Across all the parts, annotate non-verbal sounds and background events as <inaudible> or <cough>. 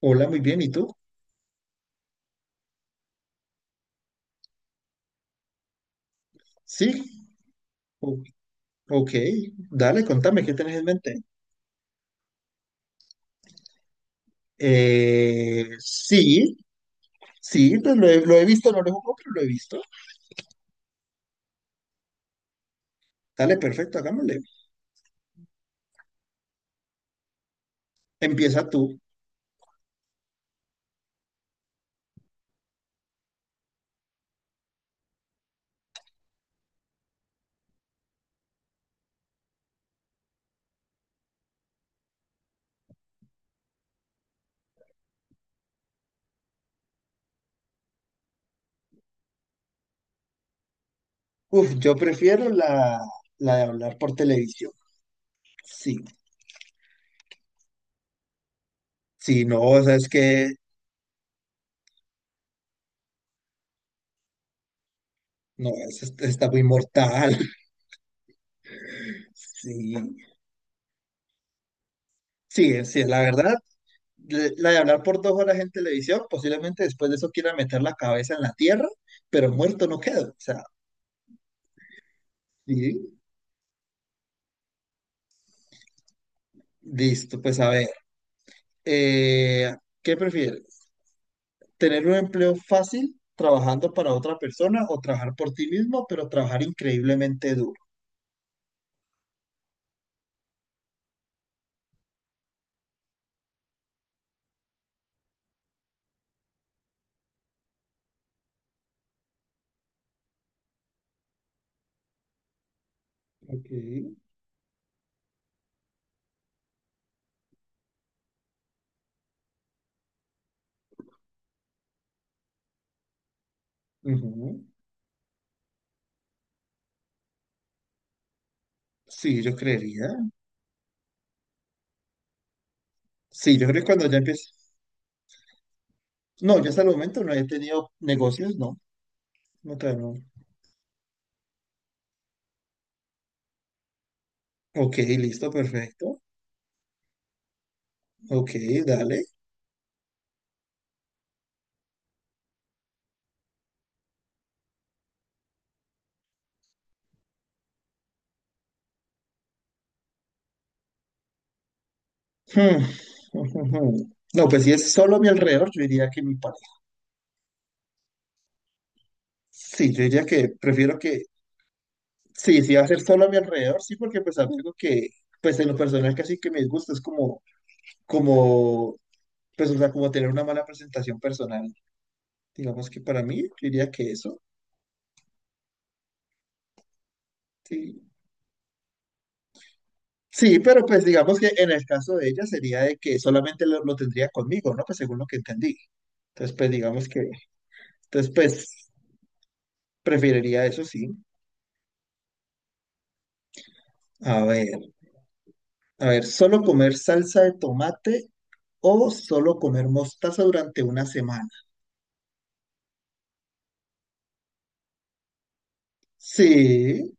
Hola, muy bien. ¿Y tú? Sí, o- ok. Dale, contame, ¿qué tenés en mente? Sí, sí, pues lo he visto, no lo he jugado, pero lo he visto. Dale, perfecto, hagámosle. Empieza tú. Uf, yo prefiero la de hablar por televisión. Sí, sí, no, o sea, es que, no, está muy mortal. <laughs> Sí, sí, sí, la verdad, la de hablar por 2 horas en televisión, posiblemente después de eso quiera meter la cabeza en la tierra, pero muerto no quedo. O sea, sí. Listo, pues a ver, eh, ¿qué prefieres? ¿Tener un empleo fácil trabajando para otra persona o trabajar por ti mismo, pero trabajar increíblemente duro? Ok, ujú. Sí, yo creería. Sí, yo creo que cuando ya empiezo. No, yo hasta el momento no he tenido negocios, no. No, todavía no. Ok, listo, perfecto. Ok, dale. Hmm. <laughs> No, pues si es solo a mi alrededor, yo diría que mi pareja. Sí, yo diría que prefiero que. Sí, sí, va a ser solo a mi alrededor, sí, porque pues algo que, pues en lo personal casi que me gusta es como, como, pues o sea, como tener una mala presentación personal. Digamos que para mí, yo diría que eso, sí. Sí, pero pues digamos que en el caso de ella sería de que solamente lo tendría conmigo, ¿no? Pues según lo que entendí. Entonces, pues digamos que, entonces pues preferiría eso, sí. A ver, a ver, ¿solo comer salsa de tomate o solo comer mostaza durante una semana? Sí,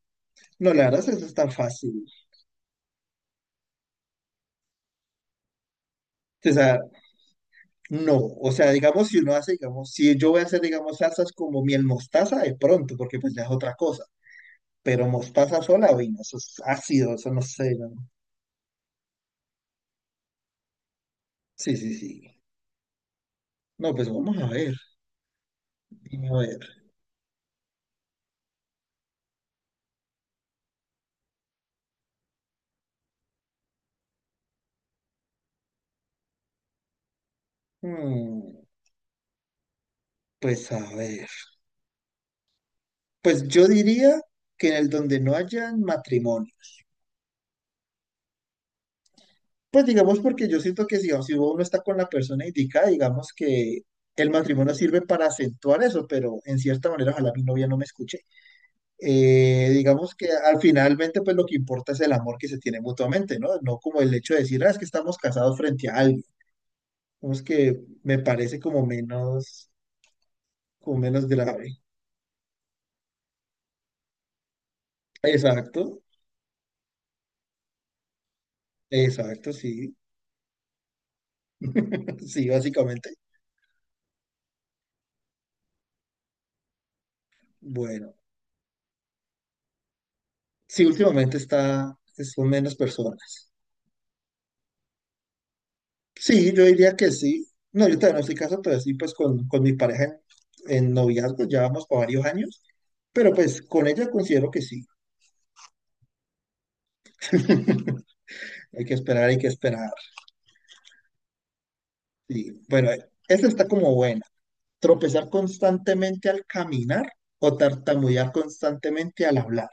no, la verdad es que es tan fácil. O sea, no. O sea, digamos, si uno hace, digamos, si yo voy a hacer, digamos, salsas como miel mostaza, de pronto, porque pues ya es otra cosa. Pero mostaza sola, uy, no, eso es ácido, eso no sé, no. Sí, sí, sí. No, pues vamos a ver. Dime a ver. Mm, pues a ver. Pues yo diría que en el donde no haya matrimonio. Pues digamos, porque yo siento que si uno está con la persona indicada, digamos que el matrimonio sirve para acentuar eso, pero en cierta manera, ojalá mi novia no me escuche. Eh, digamos que al finalmente pues lo que importa es el amor que se tiene mutuamente, ¿no? No como el hecho de decir, ah, es que estamos casados frente a alguien. Digamos que me parece como menos grave. Exacto, exacto, sí, <laughs> sí, básicamente. Bueno, sí, últimamente está, son menos personas. Sí, yo diría que sí. No, yo todavía no estoy casado, pero sí, pues con mi pareja en noviazgo, ya vamos por varios años, pero pues con ella considero que sí. <laughs> Hay que esperar, hay que esperar. Sí. Bueno, esa está como buena. Tropezar constantemente al caminar o tartamudear constantemente al hablar.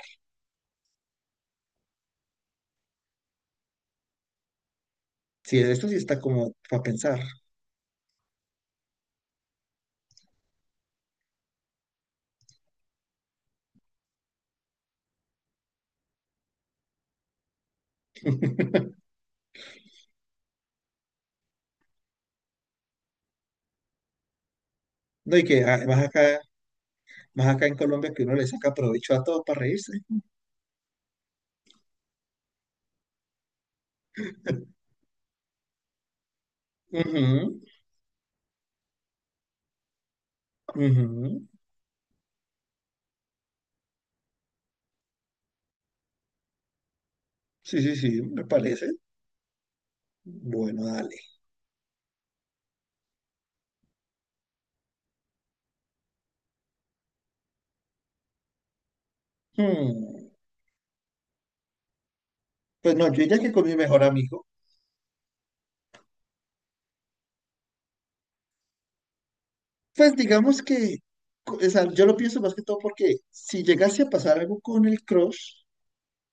Sí, esto sí está como para pensar. No, y que además acá, más acá en Colombia que uno le saca provecho a todo para reírse. Ujú, ujú. Sí, sí, sí, me parece. Bueno, dale. Hmm. Pues no, yo diría que con mi mejor amigo. Pues digamos que, o sea, yo lo pienso más que todo porque si llegase a pasar algo con el crush,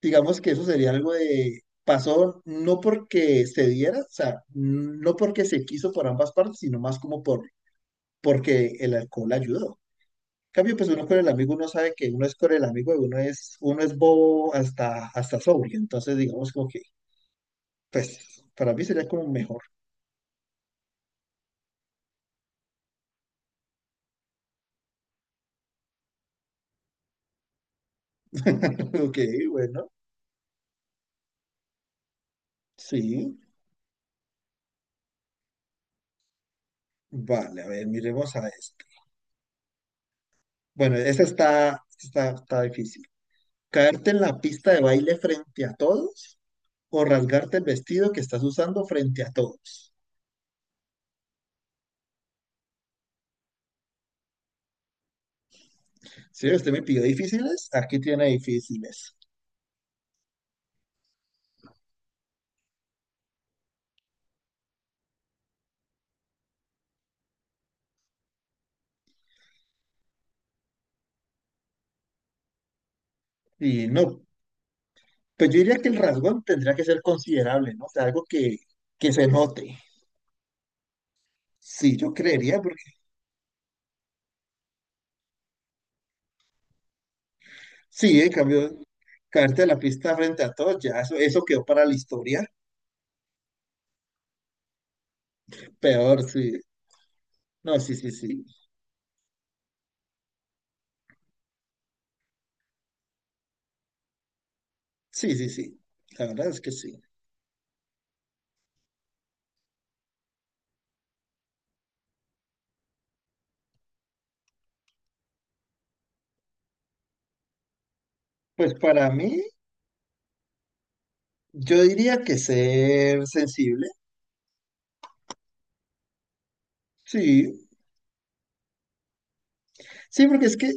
digamos que eso sería algo de, pasó no porque se diera, o sea, no porque se quiso por ambas partes, sino más como por, porque el alcohol ayudó. En cambio, pues uno con el amigo, uno sabe que uno es con el amigo y uno es bobo hasta sobrio. Entonces, digamos como que, pues, para mí sería como mejor. <laughs> Ok, bueno, sí. Vale, a ver, miremos a esto. Bueno, esta está difícil. Caerte en la pista de baile frente a todos o rasgarte el vestido que estás usando frente a todos. Si usted me pidió difíciles, aquí tiene difíciles. Y no, pues yo diría que el rasgón tendría que ser considerable, ¿no? O sea, algo que se note. Sí, yo creería, porque sí, en cambio, caerte a la pista frente a todos, ya eso, quedó para la historia. Peor, sí. No, sí, sí, sí. Sí, sí, sí. La verdad es que sí. Pues para mí, yo diría que ser sensible. Sí, sí, porque es que.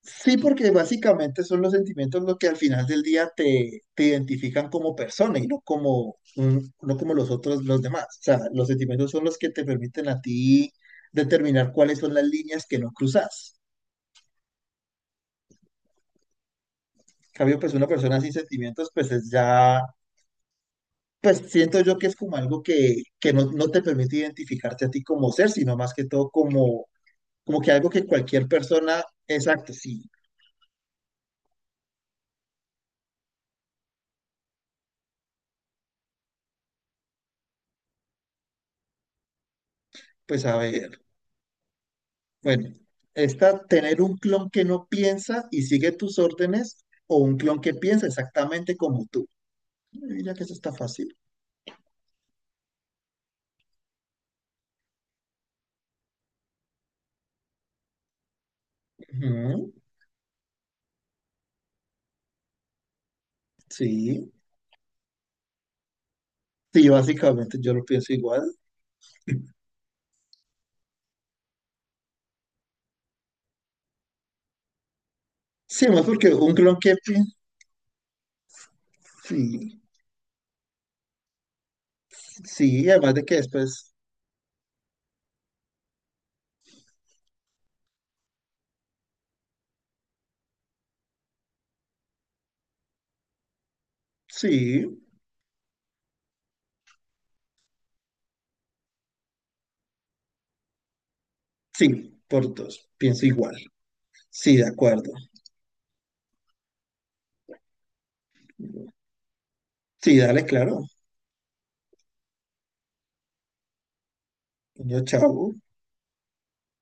Sí, porque básicamente son los sentimientos los que al final del día te identifican como persona y no como, no como los otros, los demás. O sea, los sentimientos son los que te permiten a ti determinar cuáles son las líneas que no cruzas. En cambio, pues una persona sin sentimientos, pues es ya, pues siento yo que es como algo que no, no te permite identificarte a ti como ser, sino más que todo como, como que algo que cualquier persona, exacto, sí, pues a ver. Bueno, está tener un clon que no piensa y sigue tus órdenes o un clon que piensa exactamente como tú. Yo diría que eso está fácil. Ujú. Sí, sí, básicamente yo lo pienso igual. Sí, más porque un clon que piensa, sí, sí, además de que después, sí, sí, por dos, pienso igual. Sí, de acuerdo. Sí, dale, claro. Niño, chao.